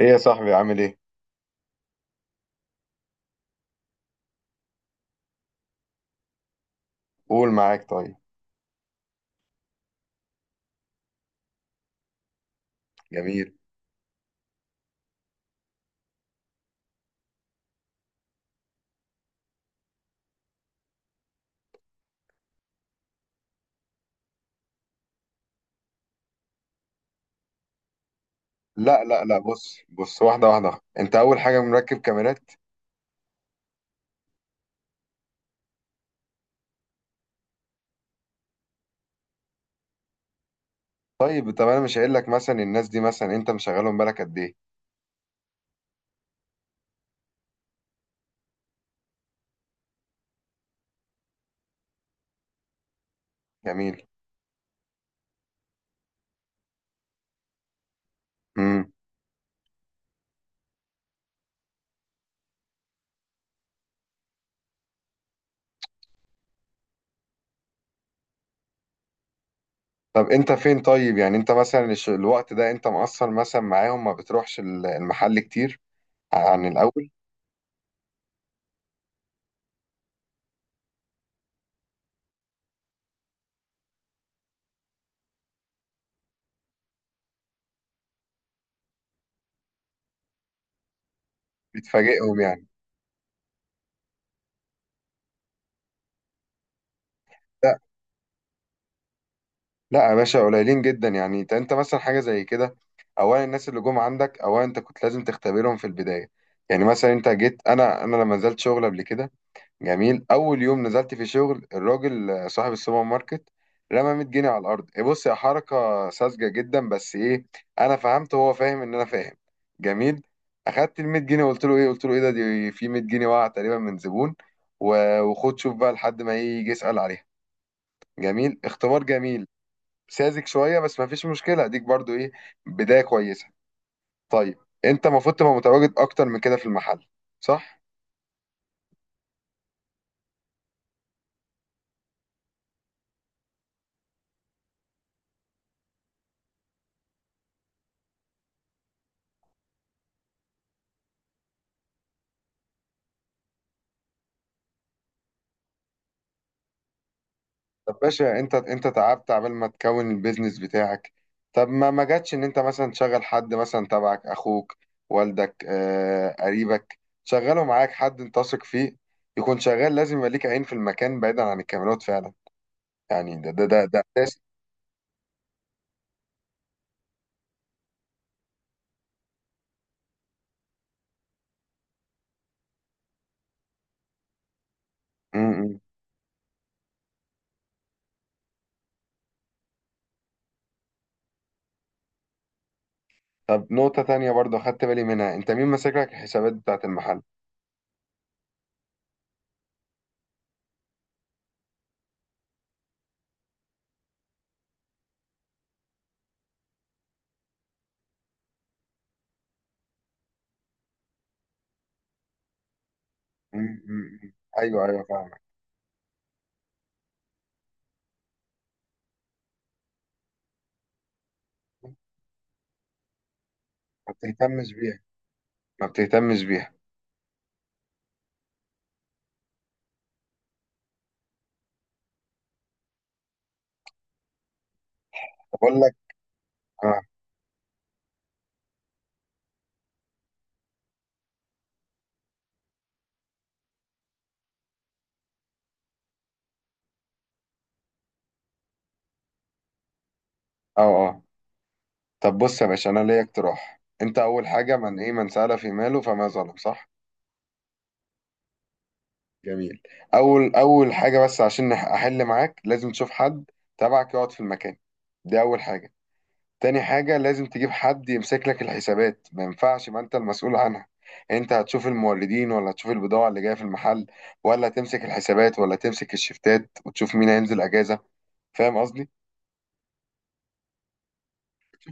ايه يا صاحبي، عامل ايه؟ قول، معاك، طيب. جميل. لا لا لا، بص بص، واحده واحده. انت اول حاجه مركب كاميرات؟ طيب طب انا مش هقول لك مثلا الناس دي، مثلا انت مشغلهم بالك قد ايه؟ جميل. امم. طب انت فين؟ طيب يعني انت مثلا الوقت ده انت مقصر مثلا معاهم، ما بتروحش المحل كتير عن الاول؟ بتفاجئهم يعني؟ لا لا يا باشا، قليلين جدا يعني. انت مثلا حاجه زي كده. اولا الناس اللي جم عندك، اولا انت كنت لازم تختبرهم في البدايه. يعني مثلا انت جيت، انا لما نزلت شغل قبل كده، جميل، اول يوم نزلت في شغل الراجل، صاحب السوبر ماركت، رمى 100 جنيه على الارض. إيه؟ بص، يا حركه ساذجه جدا، بس ايه، انا فهمت وهو فاهم ان انا فاهم. جميل. اخدت ال 100 جنيه وقلت له ايه قلت له ايه ده، دي في 100 جنيه وقع تقريبا من زبون، وخد شوف بقى لحد ما إيه يجي يسال عليها. جميل، اختبار جميل. ساذج شويه بس ما فيش مشكله، ديك برضو ايه، بدايه كويسه. طيب. انت المفروض تبقى متواجد اكتر من كده في المحل، صح؟ طب باشا، انت تعبت عبال ما تكون البيزنس بتاعك. طب ما جاتش ان انت مثلا تشغل حد مثلا تبعك، اخوك، والدك، قريبك، شغله معاك حد انت واثق فيه يكون شغال. لازم يبقى ليك عين في المكان بعيدا عن الكاميرات فعلا، يعني ده اساس. م. طب نقطة تانية برضه خدت بالي منها، انت مين ماسك لك الحسابات بتاعت المحل؟ م. ايوه ايوه، فاهمك. ما بتهتمش بيها، ما بتهتمش بيها. بقول لك. اه اه اه. طب بص يا باشا، انا ليا اقتراح. انت اول حاجه، من ايه، من سأل في ماله فما ظلم، صح؟ جميل. اول حاجه، بس عشان احل معاك، لازم تشوف حد تبعك يقعد في المكان. دي اول حاجه. تاني حاجه، لازم تجيب حد يمسك لك الحسابات، ما ينفعش ما انت المسؤول عنها. انت هتشوف الموردين، ولا هتشوف البضاعه اللي جايه في المحل، ولا تمسك الحسابات، ولا تمسك الشفتات وتشوف مين هينزل اجازه؟ فاهم قصدي؟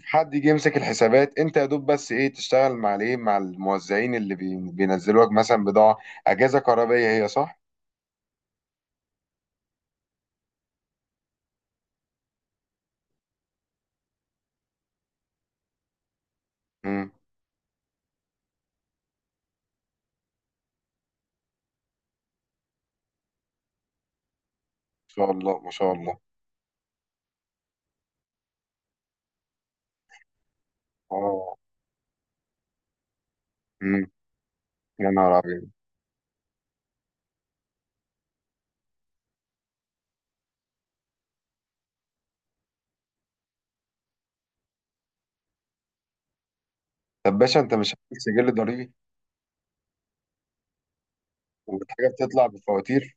حد يجي يمسك الحسابات، انت يا دوب بس ايه، تشتغل مع الايه، مع الموزعين اللي بينزلوا لك مثلا بضاعه، اجهزه كهربائيه، هي صح؟ امم. ما شاء الله ما شاء الله. اه. امم. يا نهار ابيض. طب باشا انت مش عامل سجل ضريبي؟ والحاجه بتطلع بفواتير؟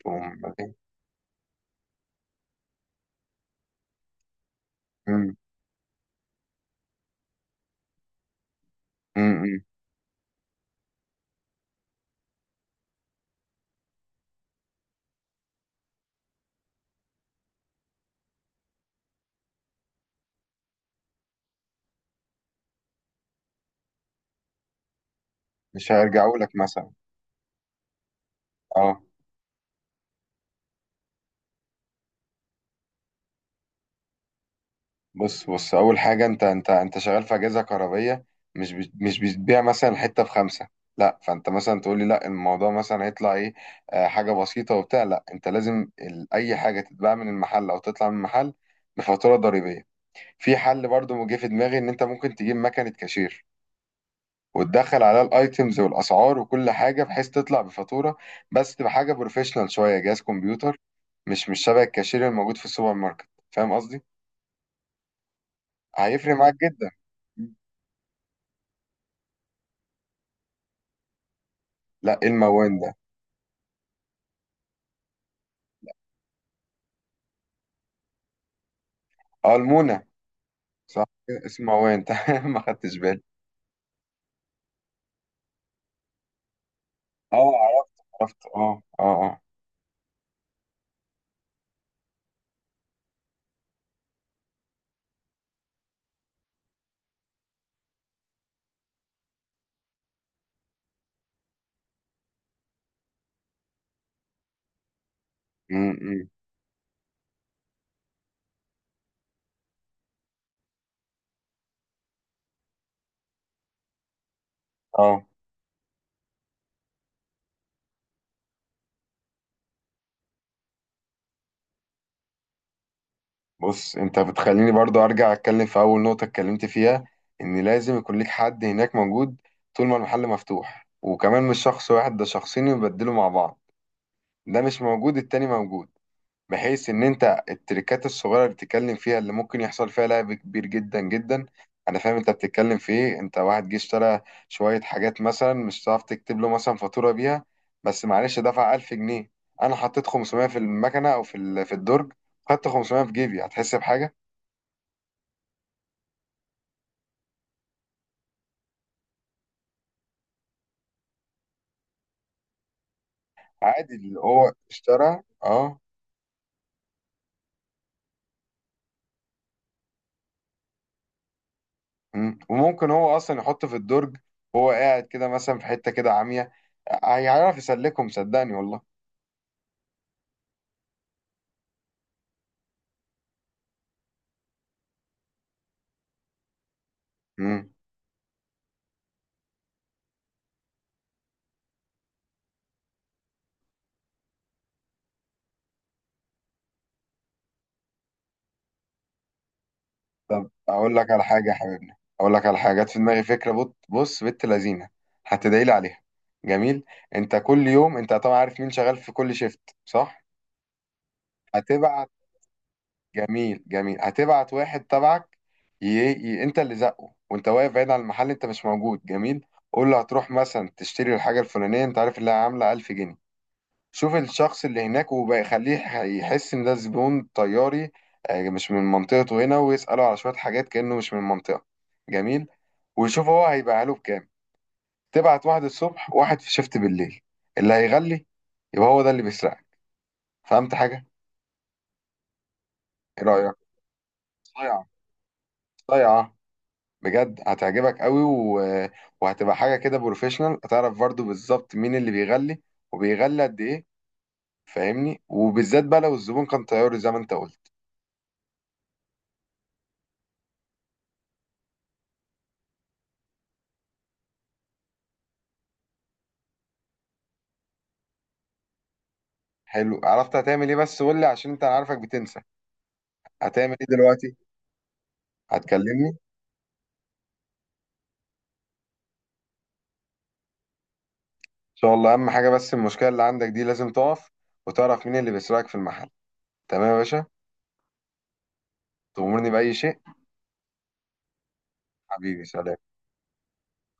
تقوم- امم امم امم. مش هيرجعوا لك مثلا. اه. بص بص، اول حاجه، انت شغال في اجهزه كهربائيه، مش بتبيع مثلا حته بخمسه. لا، فانت مثلا تقول لي لا، الموضوع مثلا هيطلع ايه، حاجه بسيطه وبتاع. لا، انت لازم اي حاجه تتباع من المحل او تطلع من المحل بفاتوره ضريبيه. في حل برضو جه في دماغي، ان انت ممكن تجيب مكنه كاشير وتدخل عليها الايتمز والاسعار وكل حاجه، بحيث تطلع بفاتوره، بس تبقى حاجه بروفيشنال شويه، جهاز كمبيوتر. مش شبه الكاشير الموجود في السوبر ماركت. فاهم قصدي؟ هيفرق معاك جدا. لا، ايه الموان ده؟ اه، المونة. صح كده، اسمه موان تمام، ما خدتش بالي. اه عرفت. عرفت، اه اه اه. امم. اه. بص، انت بتخليني برضو ارجع اتكلم في اول نقطة اتكلمت فيها، ان لازم يكون ليك حد هناك موجود طول ما المحل مفتوح، وكمان مش شخص واحد، ده شخصين يبدلوا مع بعض، ده مش موجود التاني موجود، بحيث ان انت التريكات الصغيره اللي بتتكلم فيها اللي ممكن يحصل فيها لعب كبير جدا جدا. انا فاهم انت بتتكلم في ايه. انت واحد جه اشترى شويه حاجات مثلا، مش هتعرف تكتب له مثلا فاتوره بيها، بس معلش دفع 1000 جنيه. انا حطيت 500 في المكنه او في في الدرج، خدت 500 في جيبي، هتحس بحاجه؟ عادي، اللي هو اشترى. اه. مم. وممكن هو اصلا يحط في الدرج، وهو قاعد كده مثلا في حته كده عاميه، هيعرف يسلكهم، صدقني والله. مم. طب اقول لك على حاجه يا حبيبنا، اقول لك على حاجه جت في دماغي، فكره، بص، بنت لذينه، هتدعي لي عليها. جميل. انت كل يوم انت طبعا عارف مين شغال في كل شيفت، صح؟ هتبعت. جميل جميل. هتبعت واحد تبعك، انت اللي زقه، وانت واقف بعيد عن المحل، انت مش موجود. جميل. قول له هتروح مثلا تشتري الحاجه الفلانيه، انت عارف اللي هي عامله 1000 جنيه. شوف الشخص اللي هناك وبيخليه يحس ان ده زبون طياري، مش من منطقته هنا، ويسأله على شوية حاجات كأنه مش من المنطقة. جميل. ويشوف هو هيبيعها له بكام. تبعت واحد الصبح، واحد في شيفت بالليل، اللي هيغلي يبقى هو ده اللي بيسرقك. فهمت حاجة؟ ايه رأيك؟ صيعة صيعة. بجد هتعجبك قوي وهتبقى حاجة كده بروفيشنال. هتعرف برضه بالظبط مين اللي بيغلي، وبيغلي قد ايه. فاهمني؟ وبالذات بقى لو الزبون كان طياري زي ما انت قلت. حلو، عرفت هتعمل ايه، بس قول لي عشان انت أنا عارفك بتنسى، هتعمل ايه دلوقتي؟ هتكلمني ان شاء الله. اهم حاجه بس المشكله اللي عندك دي لازم تقف، وتعرف مين اللي بيسرقك في المحل. تمام يا باشا. تأمرني بأي شيء. حبيبي سلام.